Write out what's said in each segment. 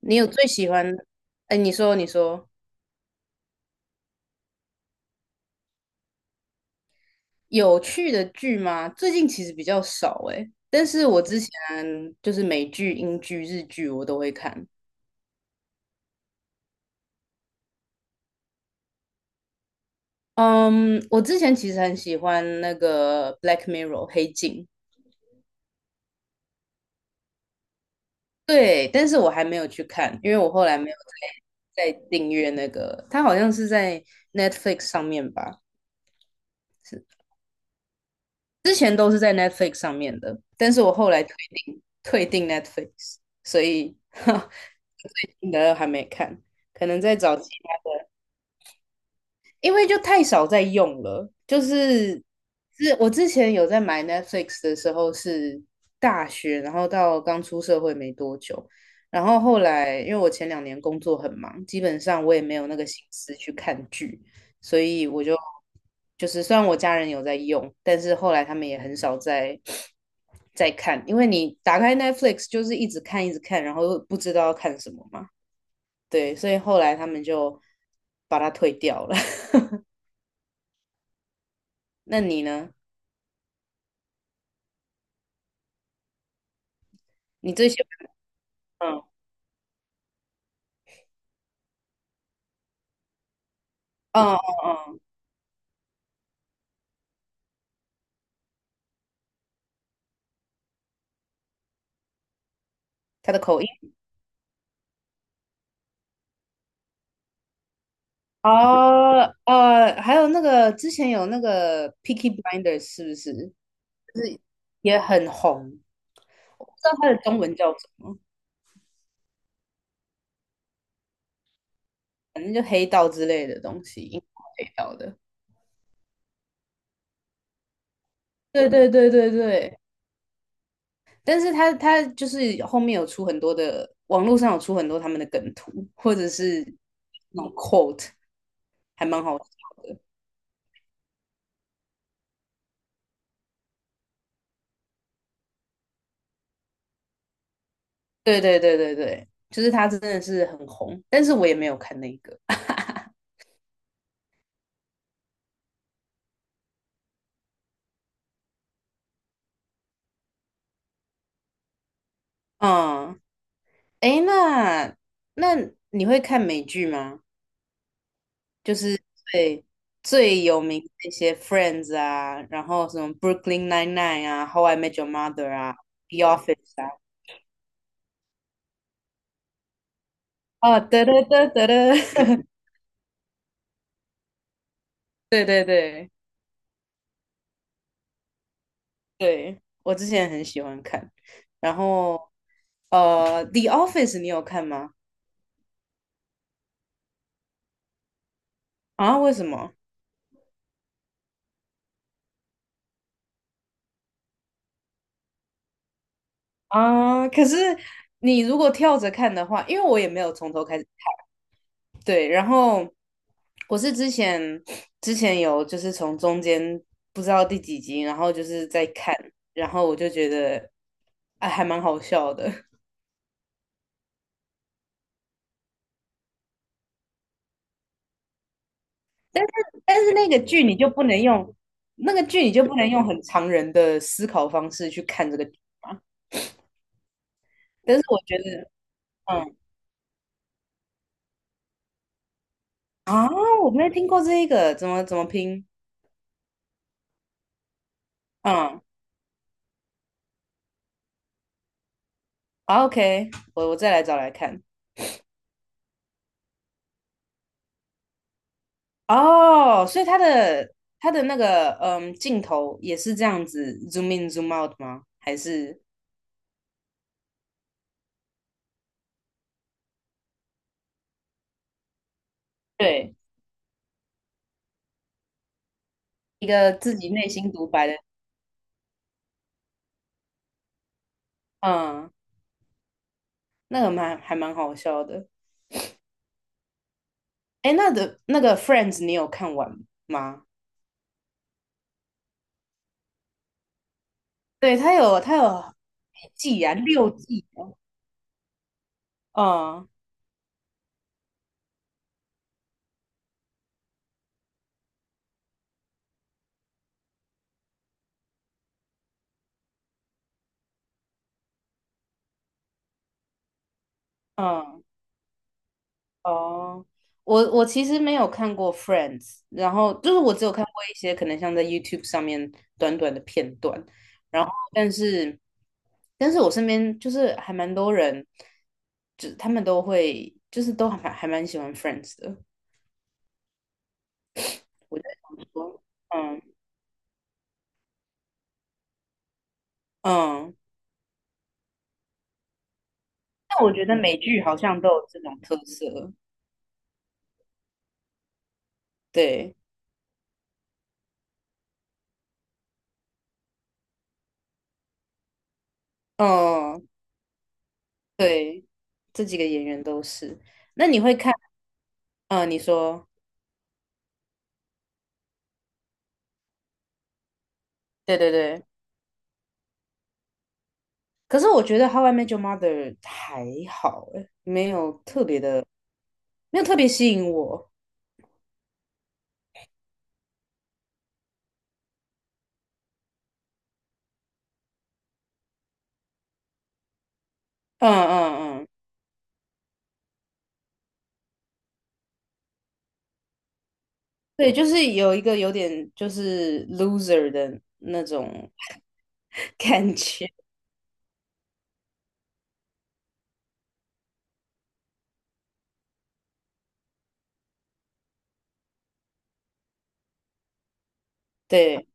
你有最喜欢？哎，你说有趣的剧吗？最近其实比较少哎，但是我之前就是美剧、英剧、日剧我都会看。嗯，我之前其实很喜欢那个《Black Mirror》黑镜，对，但是我还没有去看，因为我后来没有再订阅那个，它好像是在 Netflix 上面吧，之前都是在 Netflix 上面的，但是我后来退订 Netflix，所以 新的还没看，可能在找其他的，因为就太少在用了。就是我之前有在买 Netflix 的时候是大学，然后到刚出社会没多久，然后后来因为我前2年工作很忙，基本上我也没有那个心思去看剧，所以我就是虽然我家人有在用，但是后来他们也很少看，因为你打开 Netflix 就是一直看一直看，然后不知道要看什么嘛。对，所以后来他们就把它退掉了。那你呢？你最喜欢？嗯嗯嗯嗯，他的口音哦还有那个之前有那个《p i c k y b l i n d e r 是不是也很红？我不知道它的中文叫什么，反正就黑道之类的东西，英国黑道的。对对对对对，但是他就是后面有出很多的，网络上有出很多他们的梗图，或者是那种 quote，还蛮好对对对对对，就是他真的是很红，但是我也没有看那个。嗯，诶，那你会看美剧吗？就是最最有名的一些《Friends》啊，然后什么《Brooklyn Nine-Nine》啊，《How I Met Your Mother》啊，《The Office》啊。哦，得得得得得，对对对对，我之前很喜欢看。然后《The Office》你有看吗？啊，为什么？啊，可是你如果跳着看的话，因为我也没有从头开始，对，然后我是之前有就是从中间不知道第几集，然后就是在看，然后我就觉得啊还蛮好笑的，但是但是那个剧你就不能用那个剧你就不能用很常人的思考方式去看这个剧嘛，但是我觉得嗯啊我没有听过这一个，怎么拼？嗯，好，OK，我再来找来看。哦，所以他的那个镜头也是这样子 zoom in zoom out 吗？还是对一个自己内心独白的？嗯，那个还蛮好笑的。哎，那个 Friends 你有看完吗？对，他有几季啊？6季哦。嗯嗯。哦，我其实没有看过《Friends》，然后就是我只有看过一些可能像在 YouTube 上面短短的片段，然后但是我身边就是还蛮多人，就他们都会就是都还蛮喜欢《Friends》的。我在想说，嗯嗯，但我觉得美剧好像都有这种特色，对，嗯对，这几个演员都是。那你会看？嗯，你说，对对对。可是我觉得《How I Met Your Mother》还好欸，没有特别的，没有特别吸引我。嗯嗯嗯，对，就是有一个有点就是 loser 的那种 感觉，对，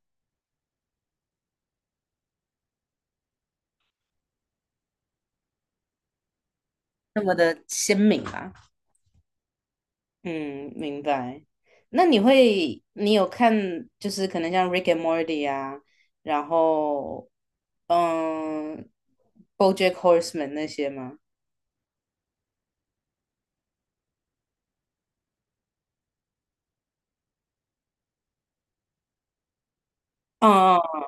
那么的鲜明啦。嗯，明白。那你会，你有看就是可能像《Rick and Morty》啊，然后嗯，《BoJack Horseman》那些吗？嗯嗯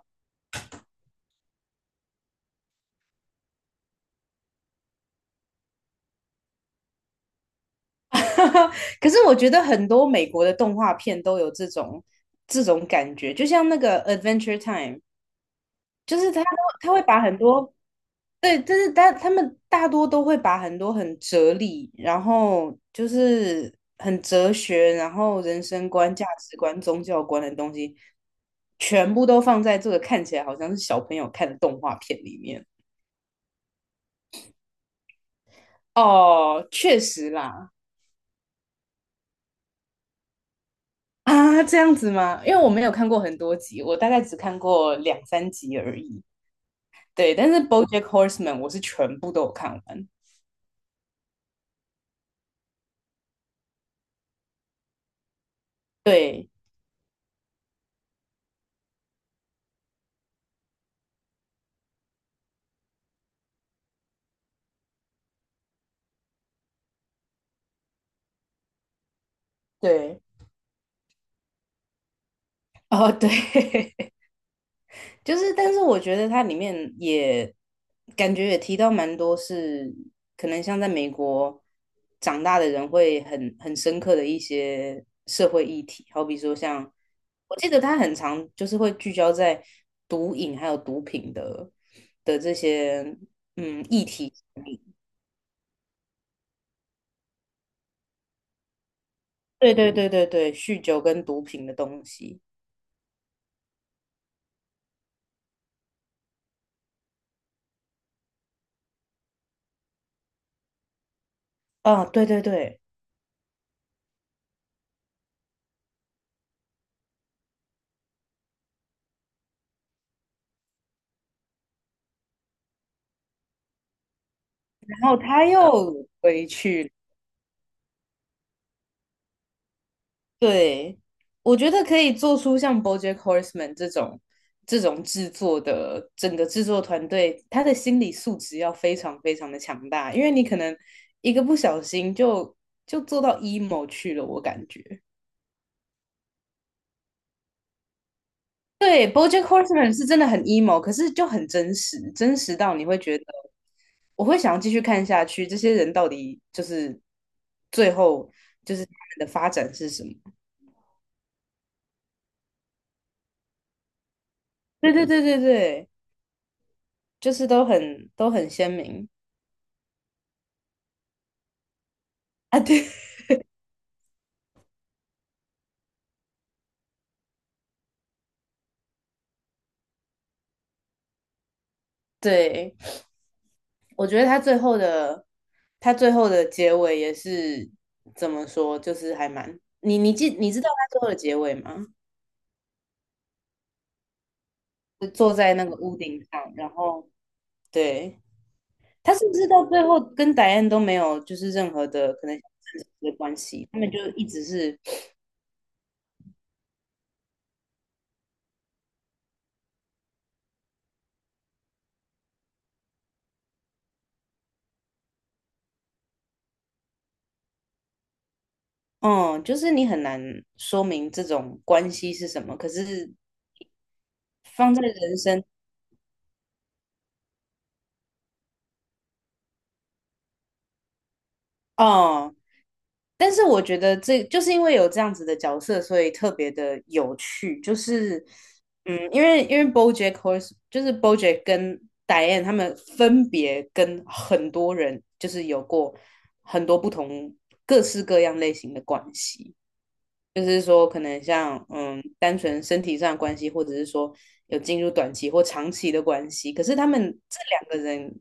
可是我觉得很多美国的动画片都有这种感觉，就像那个《Adventure Time》，就是他会把很多对，就是他们大多都会把很多很哲理，然后就是很哲学，然后人生观、价值观、宗教观的东西，全部都放在这个看起来好像是小朋友看的动画片里面。哦，确实啦，啊，这样子吗？因为我没有看过很多集，我大概只看过两三集而已。对，但是《BoJack Horseman》我是全部都有看完。对对，哦对，就是，但是我觉得它里面也感觉也提到蛮多是可能像在美国长大的人会很深刻的一些社会议题，好比说像我记得他很常就是会聚焦在毒瘾还有毒品的这些议题，对对对对对，酗酒跟毒品的东西啊，对对对，然后他又回去对，我觉得可以做出像 BoJack Horseman 这种制作的整个制作团队，他的心理素质要非常非常的强大，因为你可能一个不小心就做到 emo 去了，我感觉。对，BoJack Horseman 是真的很 emo，可是就很真实，真实到你会觉得我会想要继续看下去，这些人到底就是最后就是他们的发展是什么？对对对对对，就是都很鲜明啊，对。对，我觉得他最后的结尾也是怎么说，就是还蛮你你记你知道他最后的结尾吗？就坐在那个屋顶上，然后对他是不是到最后跟戴安都没有就是任何的可能的关系，他们就一直是嗯，就是你很难说明这种关系是什么，可是放在人生哦，但是我觉得这就是因为有这样子的角色，所以特别的有趣。就是，因为 BoJack Horse 就是 BoJack 跟 Diane 他们分别跟很多人就是有过很多不同各式各样类型的关系。就是说，可能像单纯身体上的关系，或者是说有进入短期或长期的关系。可是他们这两个人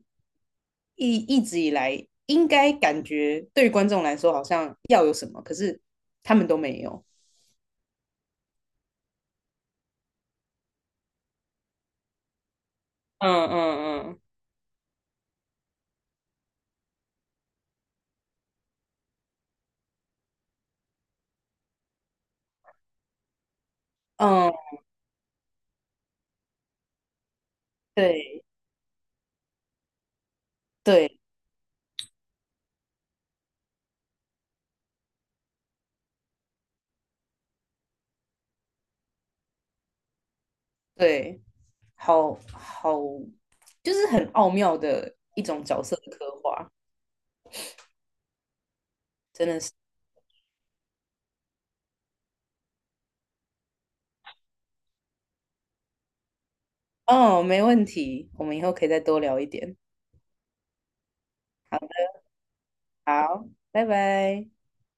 一直以来，应该感觉对于观众来说好像要有什么，可是他们都没有。嗯嗯嗯嗯，对对对，好好，就是很奥妙的一种角色的刻画，真的是。哦，没问题，我们以后可以再多聊一点。好，拜拜。